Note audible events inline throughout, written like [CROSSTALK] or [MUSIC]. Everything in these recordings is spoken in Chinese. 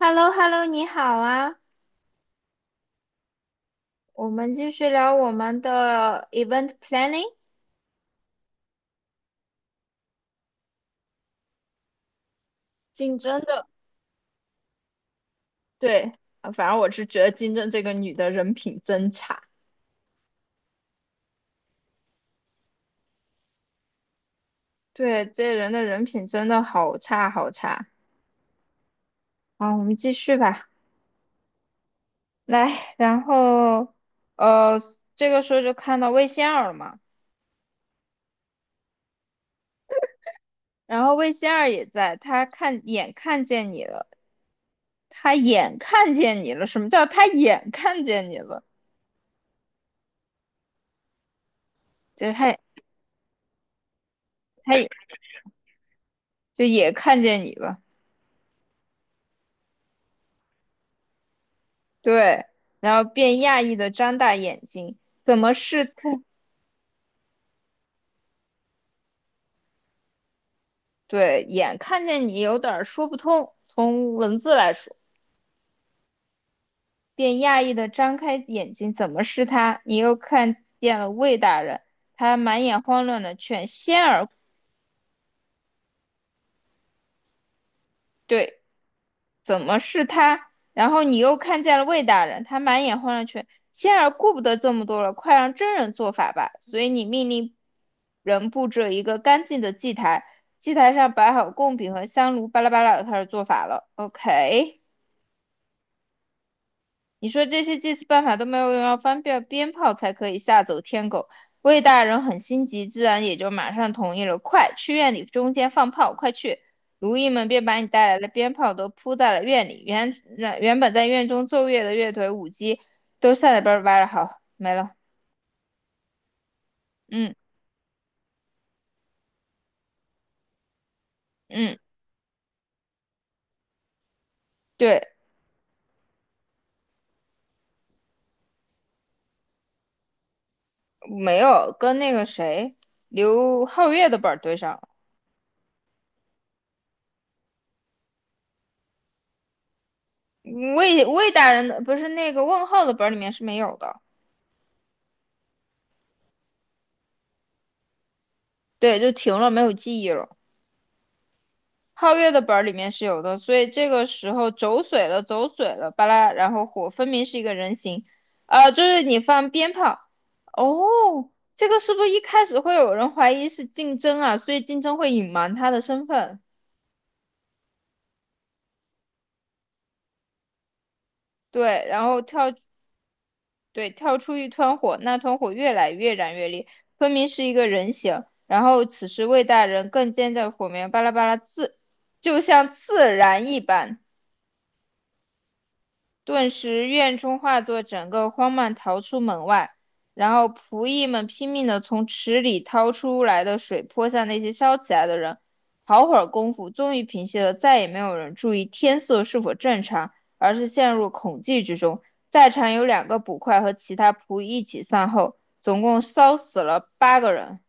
h e l l o h e l l o 你好啊，我们继续聊我们的 event planning 竞争的。对，反正我是觉得竞争这个女的人品真差，对，这人的人品真的好差好差。好，我们继续吧。来，然后呃，这个时候就看到魏仙儿了嘛，然后魏仙儿也在，她看眼看见你了，她眼看见你了，什么叫她眼看见你了？就是她也就也看见你了。对，然后便讶异的张大眼睛，怎么是他？对，眼看见你有点儿说不通，从文字来说，便讶异的张开眼睛，怎么是他？你又看见了魏大人，他满眼慌乱的劝仙儿，对，怎么是他？然后你又看见了魏大人，他满眼混乱却，仙儿顾不得这么多了，快让真人做法吧。所以你命令人布置一个干净的祭台，祭台上摆好贡品和香炉，巴拉巴拉，开始做法了。OK。你说这些祭祀办法都没有用，要翻遍鞭炮才可以吓走天狗。魏大人很心急，自然也就马上同意了。快去院里中间放炮，快去！如役们便把你带来的鞭炮都铺在了院里。原本在院中奏乐的乐队、舞姬都下来边儿歪了，好，没了。嗯嗯，对，没有跟那个谁刘皓月的本儿对上了。魏大人的不是那个问号的本儿里面是没有的，对，就停了，没有记忆了。皓月的本儿里面是有的，所以这个时候走水了，走水了，巴拉，然后火分明是一个人形，就是你放鞭炮，哦，这个是不是一开始会有人怀疑是竞争啊？所以竞争会隐瞒他的身份，对，然后跳，对，跳出一团火，那团火越来越燃越烈，分明是一个人形，然后此时魏大人更见在火苗巴拉巴拉自，就像自燃一般。顿时院中化作整个荒乱逃出门外，然后仆役们拼命地从池里掏出来的水泼向那些烧起来的人。好会儿功夫，终于平息了，再也没有人注意天色是否正常，而是陷入恐惧之中。在场有两个捕快和其他仆役一起散后，总共烧死了八个人，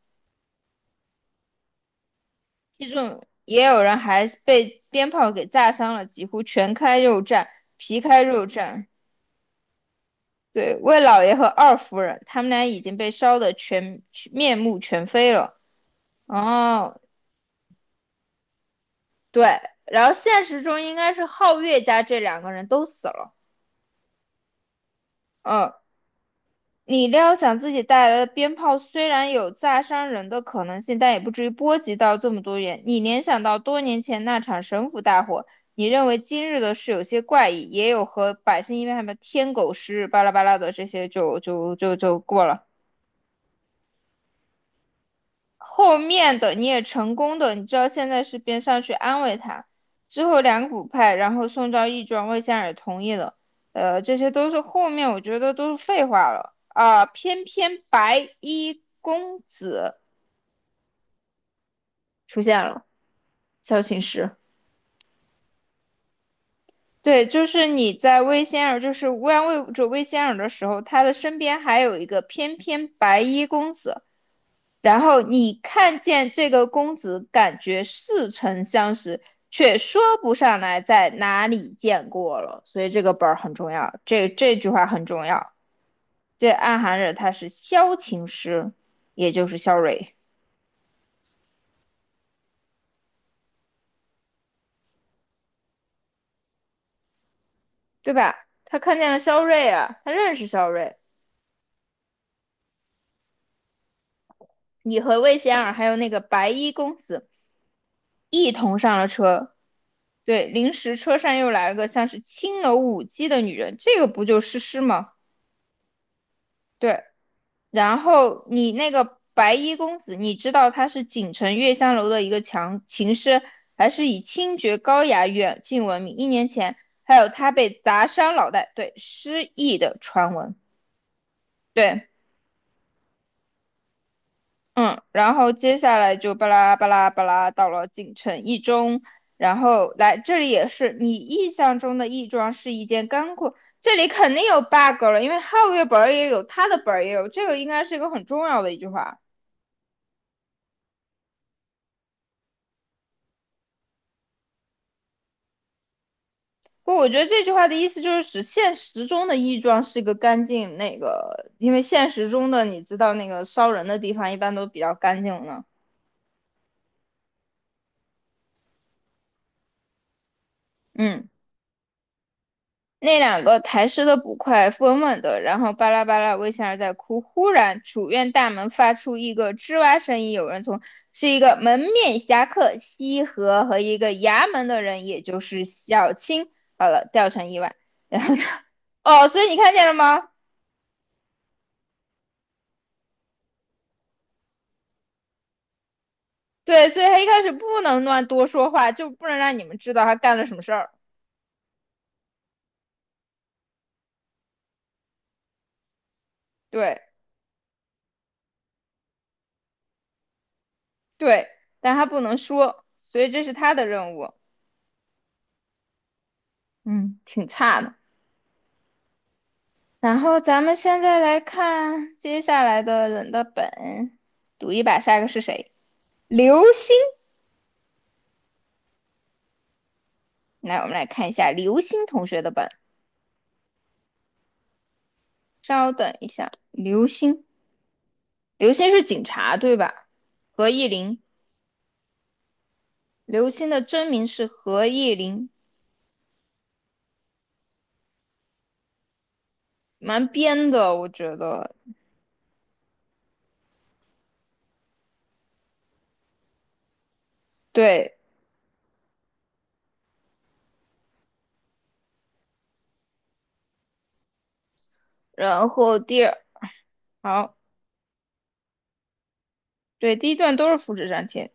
其中也有人还被鞭炮给炸伤了，几乎全开肉绽，皮开肉绽。对，魏老爷和二夫人，他们俩已经被烧得全面目全非了。哦，对，然后现实中应该是皓月家这两个人都死了。嗯，你料想自己带来的鞭炮虽然有炸伤人的可能性，但也不至于波及到这么多人。你联想到多年前那场神府大火，你认为今日的事有些怪异，也有和百姓因为什么天狗食日巴拉巴拉的这些就过了。后面的你也成功的，你知道现在是边上去安慰他。之后两股派，然后宋昭义庄魏仙儿也同意了，这些都是后面我觉得都是废话了啊、偏偏白衣公子出现了，萧琴师。对，就是你在魏仙儿，就是乌泱卫者魏仙儿的时候，他的身边还有一个翩翩白衣公子，然后你看见这个公子，感觉似曾相识，却说不上来在哪里见过了。所以这个本儿很重要，这句话很重要。这暗含着他是萧琴师，也就是萧睿，对吧？他看见了萧睿啊，他认识萧睿。你和魏贤儿还有那个白衣公子一同上了车。对，临时车上又来了个像是青楼舞姬的女人，这个不就诗诗吗？对，然后你那个白衣公子，你知道他是锦城月香楼的一个强琴师，还是以清绝高雅远近闻名。一年前还有他被砸伤脑袋，对，失忆的传闻，对，嗯，然后接下来就巴拉巴拉巴拉到了锦城一中，然后来这里也是你印象中的义庄是一件干货，这里肯定有 bug 了，因为皓月本儿也有，他的本儿也有，这个应该是一个很重要的一句话。不，我觉得这句话的意思就是指现实中的亦庄是个干净那个，因为现实中的你知道那个烧人的地方一般都比较干净呢。嗯，那两个抬尸的捕快稳稳的，然后巴拉巴拉微笑着在哭。忽然，主院大门发出一个吱哇声音，有人从是一个门面侠客西河和一个衙门的人，也就是小青。好了，掉成意外。[LAUGHS] 然后呢？哦，所以你看见了吗？对，所以他一开始不能乱多说话，就不能让你们知道他干了什么事儿。对对，但他不能说，所以这是他的任务。嗯，挺差的。然后咱们现在来看接下来的人的本，赌一把下一个是谁？刘星。来，我们来看一下刘星同学的本。稍等一下，刘星，刘星是警察对吧？何意林，刘星的真名是何意林，蛮编的，我觉得。对，然后第二，好，对，第一段都是复制粘贴。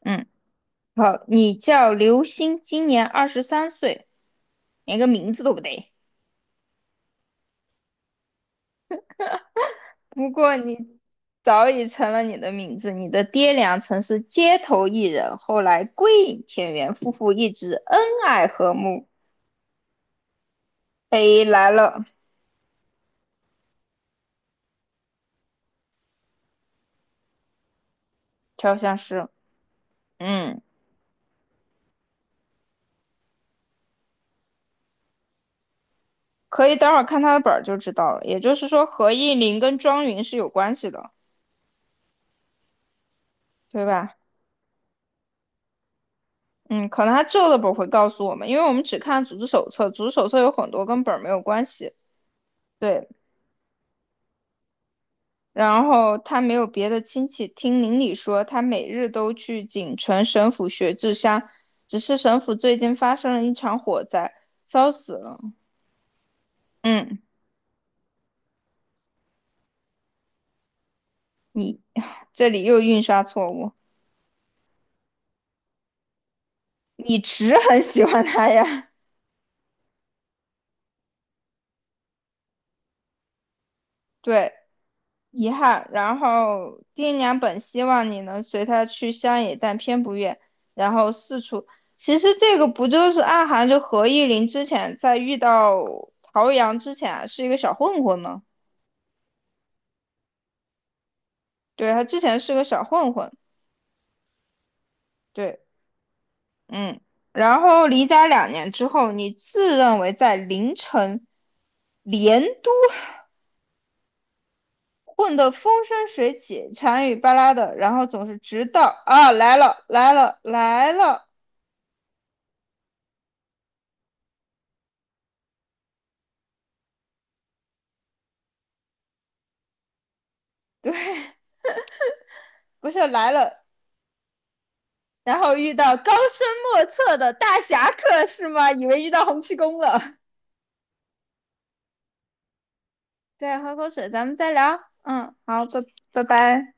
嗯，好，你叫刘星，今年二十三岁，连个名字都不对，不过你早已成了你的名字。你的爹娘曾是街头艺人，后来归隐田园，夫妇一直恩爱和睦。北来了，调香师。嗯，可以等会儿看他的本儿就知道了。也就是说，何应麟跟庄云是有关系的，对吧？嗯，可能他旧的本儿会告诉我们，因为我们只看组织手册，组织手册有很多跟本儿没有关系。对，然后他没有别的亲戚，听邻里说他每日都去锦城神府学治伤。只是神府最近发生了一场火灾，烧死了。嗯，你 [SIGHS] 这里又印刷错误，你只很喜欢他呀？[LAUGHS] 对，遗憾。然后爹娘本希望你能随他去乡野，但偏不愿，然后四处。其实这个不就是暗含着何意林之前在遇到陶阳之前啊是一个小混混吗？对，他之前是个小混混。对，嗯。然后离家两年之后，你自认为在凌晨连都混得风生水起、馋与巴拉的，然后总是直到啊来了来了来了，对，不是来了然后遇到高深莫测的大侠客是吗？以为遇到洪七公了。对，喝口水，咱们再聊。嗯，好，拜拜拜。